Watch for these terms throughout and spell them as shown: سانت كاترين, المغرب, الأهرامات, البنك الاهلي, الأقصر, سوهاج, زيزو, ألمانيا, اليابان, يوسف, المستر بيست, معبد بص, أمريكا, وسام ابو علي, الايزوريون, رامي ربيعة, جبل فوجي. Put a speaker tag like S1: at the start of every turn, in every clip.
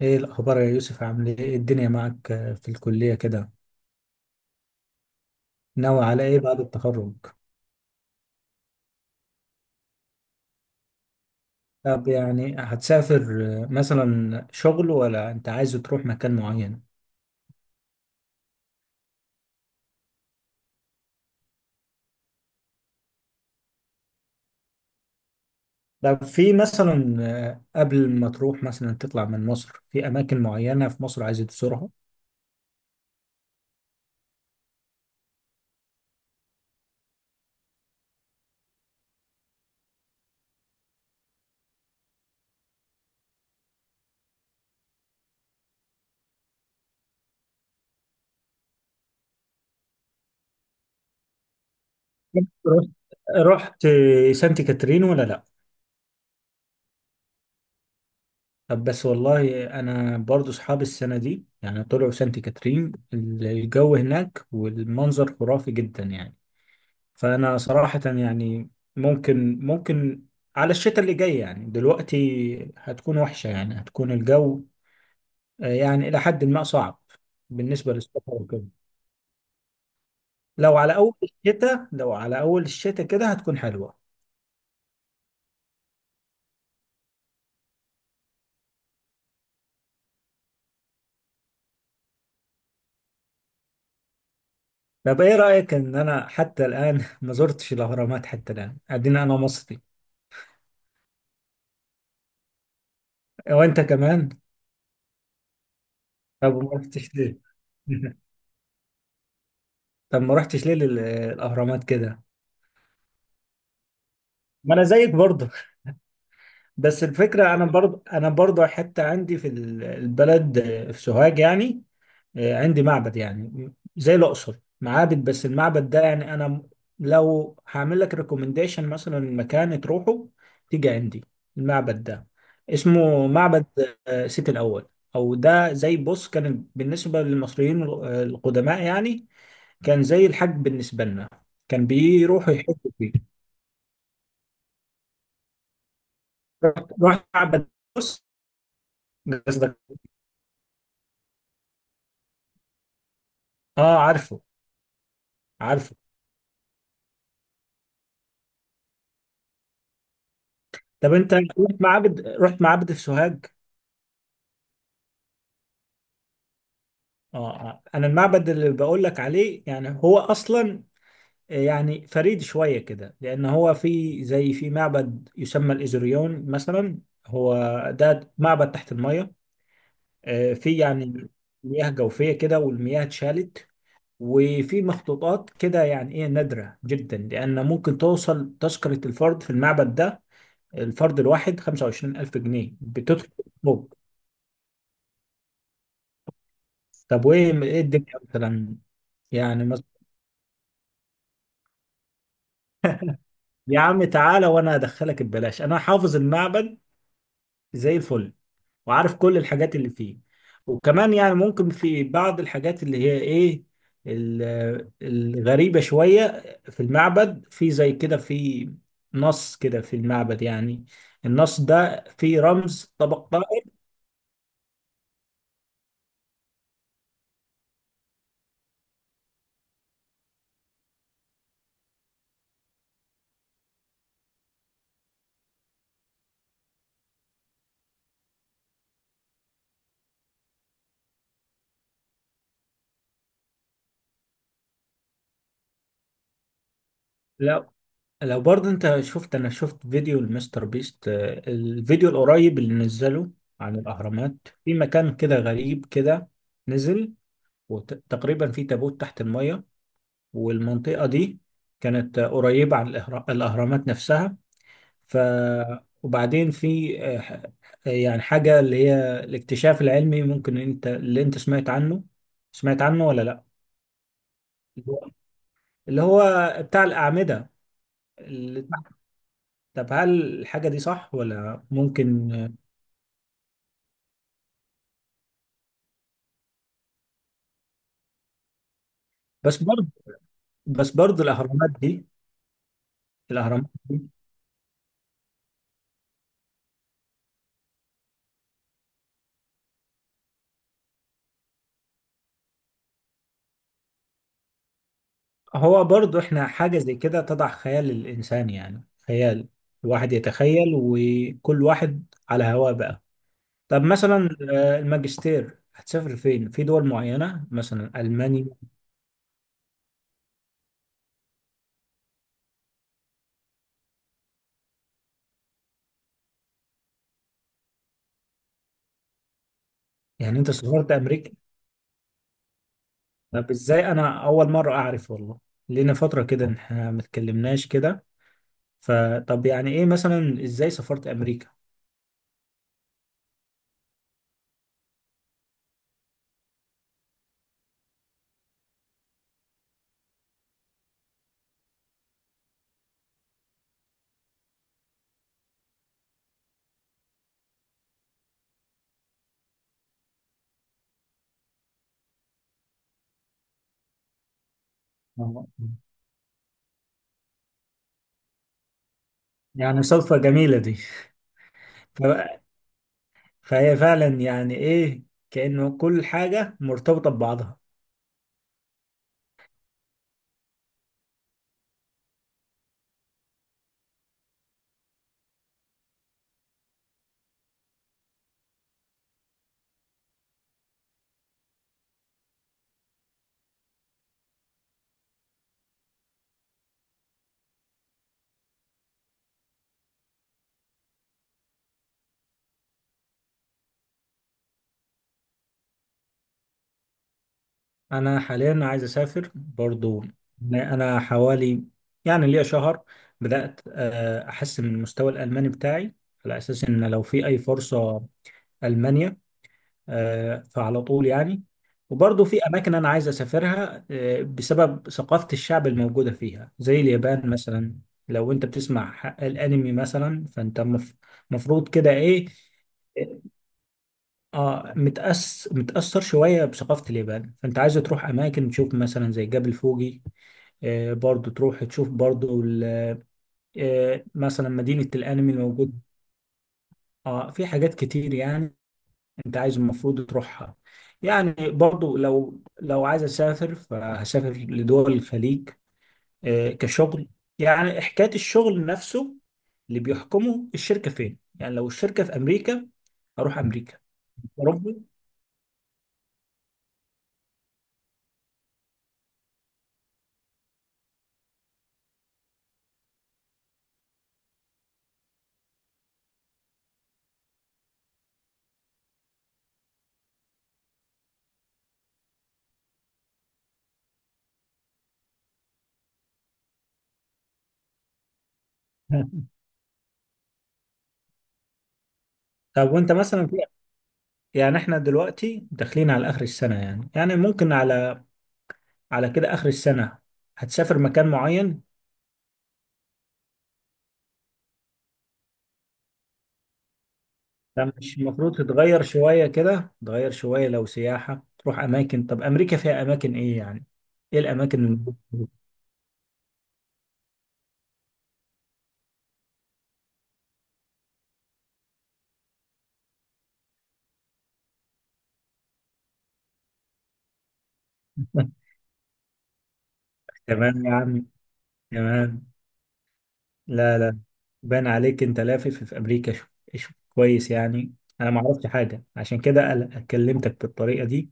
S1: ايه الاخبار يا يوسف؟ عامل ايه؟ إيه الدنيا معك؟ في الكلية كده. ناوي على ايه بعد التخرج؟ طب يعني هتسافر، مثلا شغل ولا انت عايز تروح مكان معين؟ طب في مثلا، قبل ما تروح مثلا تطلع من مصر، في اماكن معينة في مصر عايز تزورها؟ رحت رحت سانت كاترين ولا لا؟ طب بس والله انا برضو اصحابي السنة دي يعني طلعوا سانت كاترين، الجو هناك والمنظر خرافي جدا يعني. فانا صراحة يعني ممكن على الشتاء اللي جاي، يعني دلوقتي هتكون وحشة، يعني هتكون الجو يعني الى حد ما صعب بالنسبة للسفر وكده. لو على اول الشتاء كده هتكون حلوة. طب ايه رأيك ان انا حتى الان ما زرتش الاهرامات حتى الان؟ ادينا انا مصري. وانت كمان؟ طب ما رحتش ليه؟ طب ما رحتش ليه للاهرامات كده؟ ما انا زيك برضه. بس الفكرة أنا برضه حتى عندي في البلد، في سوهاج يعني. عندي معبد يعني زي الأقصر معابد، بس المعبد ده يعني لو هعمل لك ريكومنديشن مثلا مكان تروحه، تيجي عندي. المعبد ده اسمه معبد سيتي الأول. أو ده زي بص، كان بالنسبة للمصريين القدماء يعني، كان زي الحج بالنسبة لنا، كان بيروحوا يحجوا فيه. رحت معبد، بص. قصدك؟ اه عارفه. عارفه. طب انت رحت معبد، رحت معبد في سوهاج؟ اه انا المعبد اللي بقول لك عليه يعني هو اصلا يعني فريد شويه كده، لان هو في زي في معبد يسمى الايزوريون مثلا. هو ده معبد تحت الميه، في يعني مياه جوفيه كده والمياه اتشالت. وفي مخطوطات كده يعني ايه نادره جدا، لان ممكن توصل تذكره الفرد في المعبد ده الفرد الواحد 25000 جنيه بتدخل. طب وايه ايه الدنيا مثلا؟ يعني مثلا. يا عم تعالى وانا ادخلك ببلاش، انا حافظ المعبد زي الفل، وعارف كل الحاجات اللي فيه. وكمان يعني ممكن في بعض الحاجات اللي هي ايه، الغريبة شوية. في المعبد في زي كده في نص كده في المعبد يعني النص ده فيه رمز طبق. لو لو برضه انت شفت، انا شفت فيديو المستر بيست، الفيديو القريب اللي نزله عن الاهرامات. في مكان كده غريب كده، نزل، وتقريبا في تابوت تحت المية، والمنطقة دي كانت قريبة عن الاهرامات نفسها. ف وبعدين في يعني حاجة اللي هي الاكتشاف العلمي، ممكن انت اللي انت سمعت عنه ولا لا؟ اللي هو بتاع الأعمدة. طب هل الحاجة دي صح ولا ممكن؟ بس برضه بس برضه الأهرامات دي. هو برضه إحنا حاجة زي كده تضع خيال الإنسان، يعني خيال الواحد يتخيل وكل واحد على هواه بقى. طب مثلا الماجستير هتسافر فين؟ في دول معينة مثلا ألمانيا؟ يعني أنت سافرت أمريكا؟ طب إزاي؟ أنا أول مرة أعرف والله. لينا فترة كده إحنا ما اتكلمناش كده. فطب يعني إيه مثلا، إزاي سافرت أمريكا؟ يعني صدفة جميلة دي. ف- فهي فعلا يعني ايه، كأنه كل حاجة مرتبطة ببعضها. انا حاليا عايز اسافر برضو. انا حوالي يعني ليا شهر بدأت احسن من المستوى الالماني بتاعي، على اساس ان لو في اي فرصة المانيا، فعلى طول يعني. وبرضه في أماكن أنا عايز أسافرها بسبب ثقافة الشعب الموجودة فيها زي اليابان مثلا. لو أنت بتسمع الأنمي مثلا فأنت المفروض كده إيه، آه، متأثر شوية بثقافة اليابان، فأنت عايز تروح أماكن تشوف مثلا زي جبل فوجي. آه برضو تروح تشوف برضو آه مثلا مدينة الأنمي الموجود. آه في حاجات كتير يعني انت عايز المفروض تروحها. يعني برضو لو عايز اسافر فهسافر لدول الخليج، كشغل. يعني حكاية الشغل نفسه اللي بيحكمه الشركة فين، يعني لو الشركة في امريكا اروح امريكا، اوروبا. طب وانت مثلا في، يعني احنا دلوقتي داخلين على اخر السنة، يعني يعني ممكن على على كده اخر السنة هتسافر مكان معين؟ ده مش المفروض تتغير شوية كده، تغير شوية لو سياحة تروح أماكن. طب أمريكا فيها أماكن إيه يعني؟ إيه الأماكن اللي... تمام يا عم، تمام. لا لا، بان عليك أنت لافف في أمريكا شو. شو كويس يعني. أنا ما عرفتش حاجة عشان كده أنا كلمتك بالطريقة دي،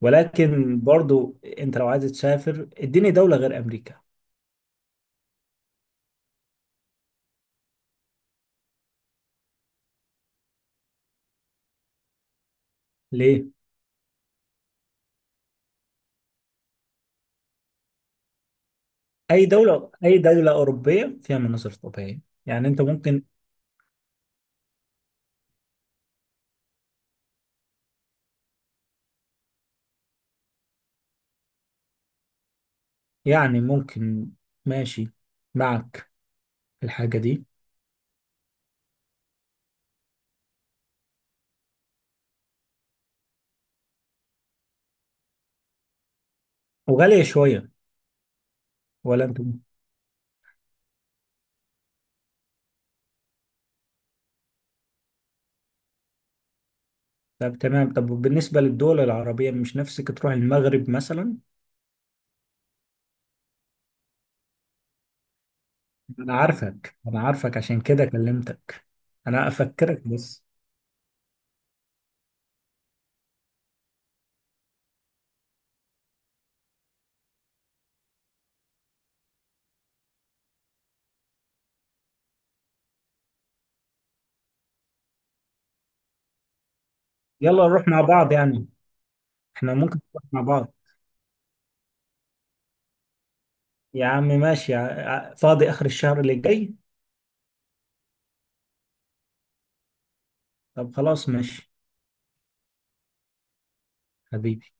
S1: ولكن برضو أنت لو عايز تسافر اديني دولة غير أمريكا. ليه؟ أي دولة أي دولة أوروبية فيها مناظر طبيعية، يعني أنت ممكن، يعني ممكن. ماشي معك الحاجة دي. وغالية شوية، ولا انت؟ طب تمام. طب بالنسبة للدول العربية مش نفسك تروح المغرب مثلا؟ انا عارفك عشان كده كلمتك، انا افكرك بس. يلا نروح مع بعض يعني. احنا ممكن نروح مع بعض. يا عم ماشي، فاضي اخر الشهر اللي جاي. طب خلاص ماشي. حبيبي.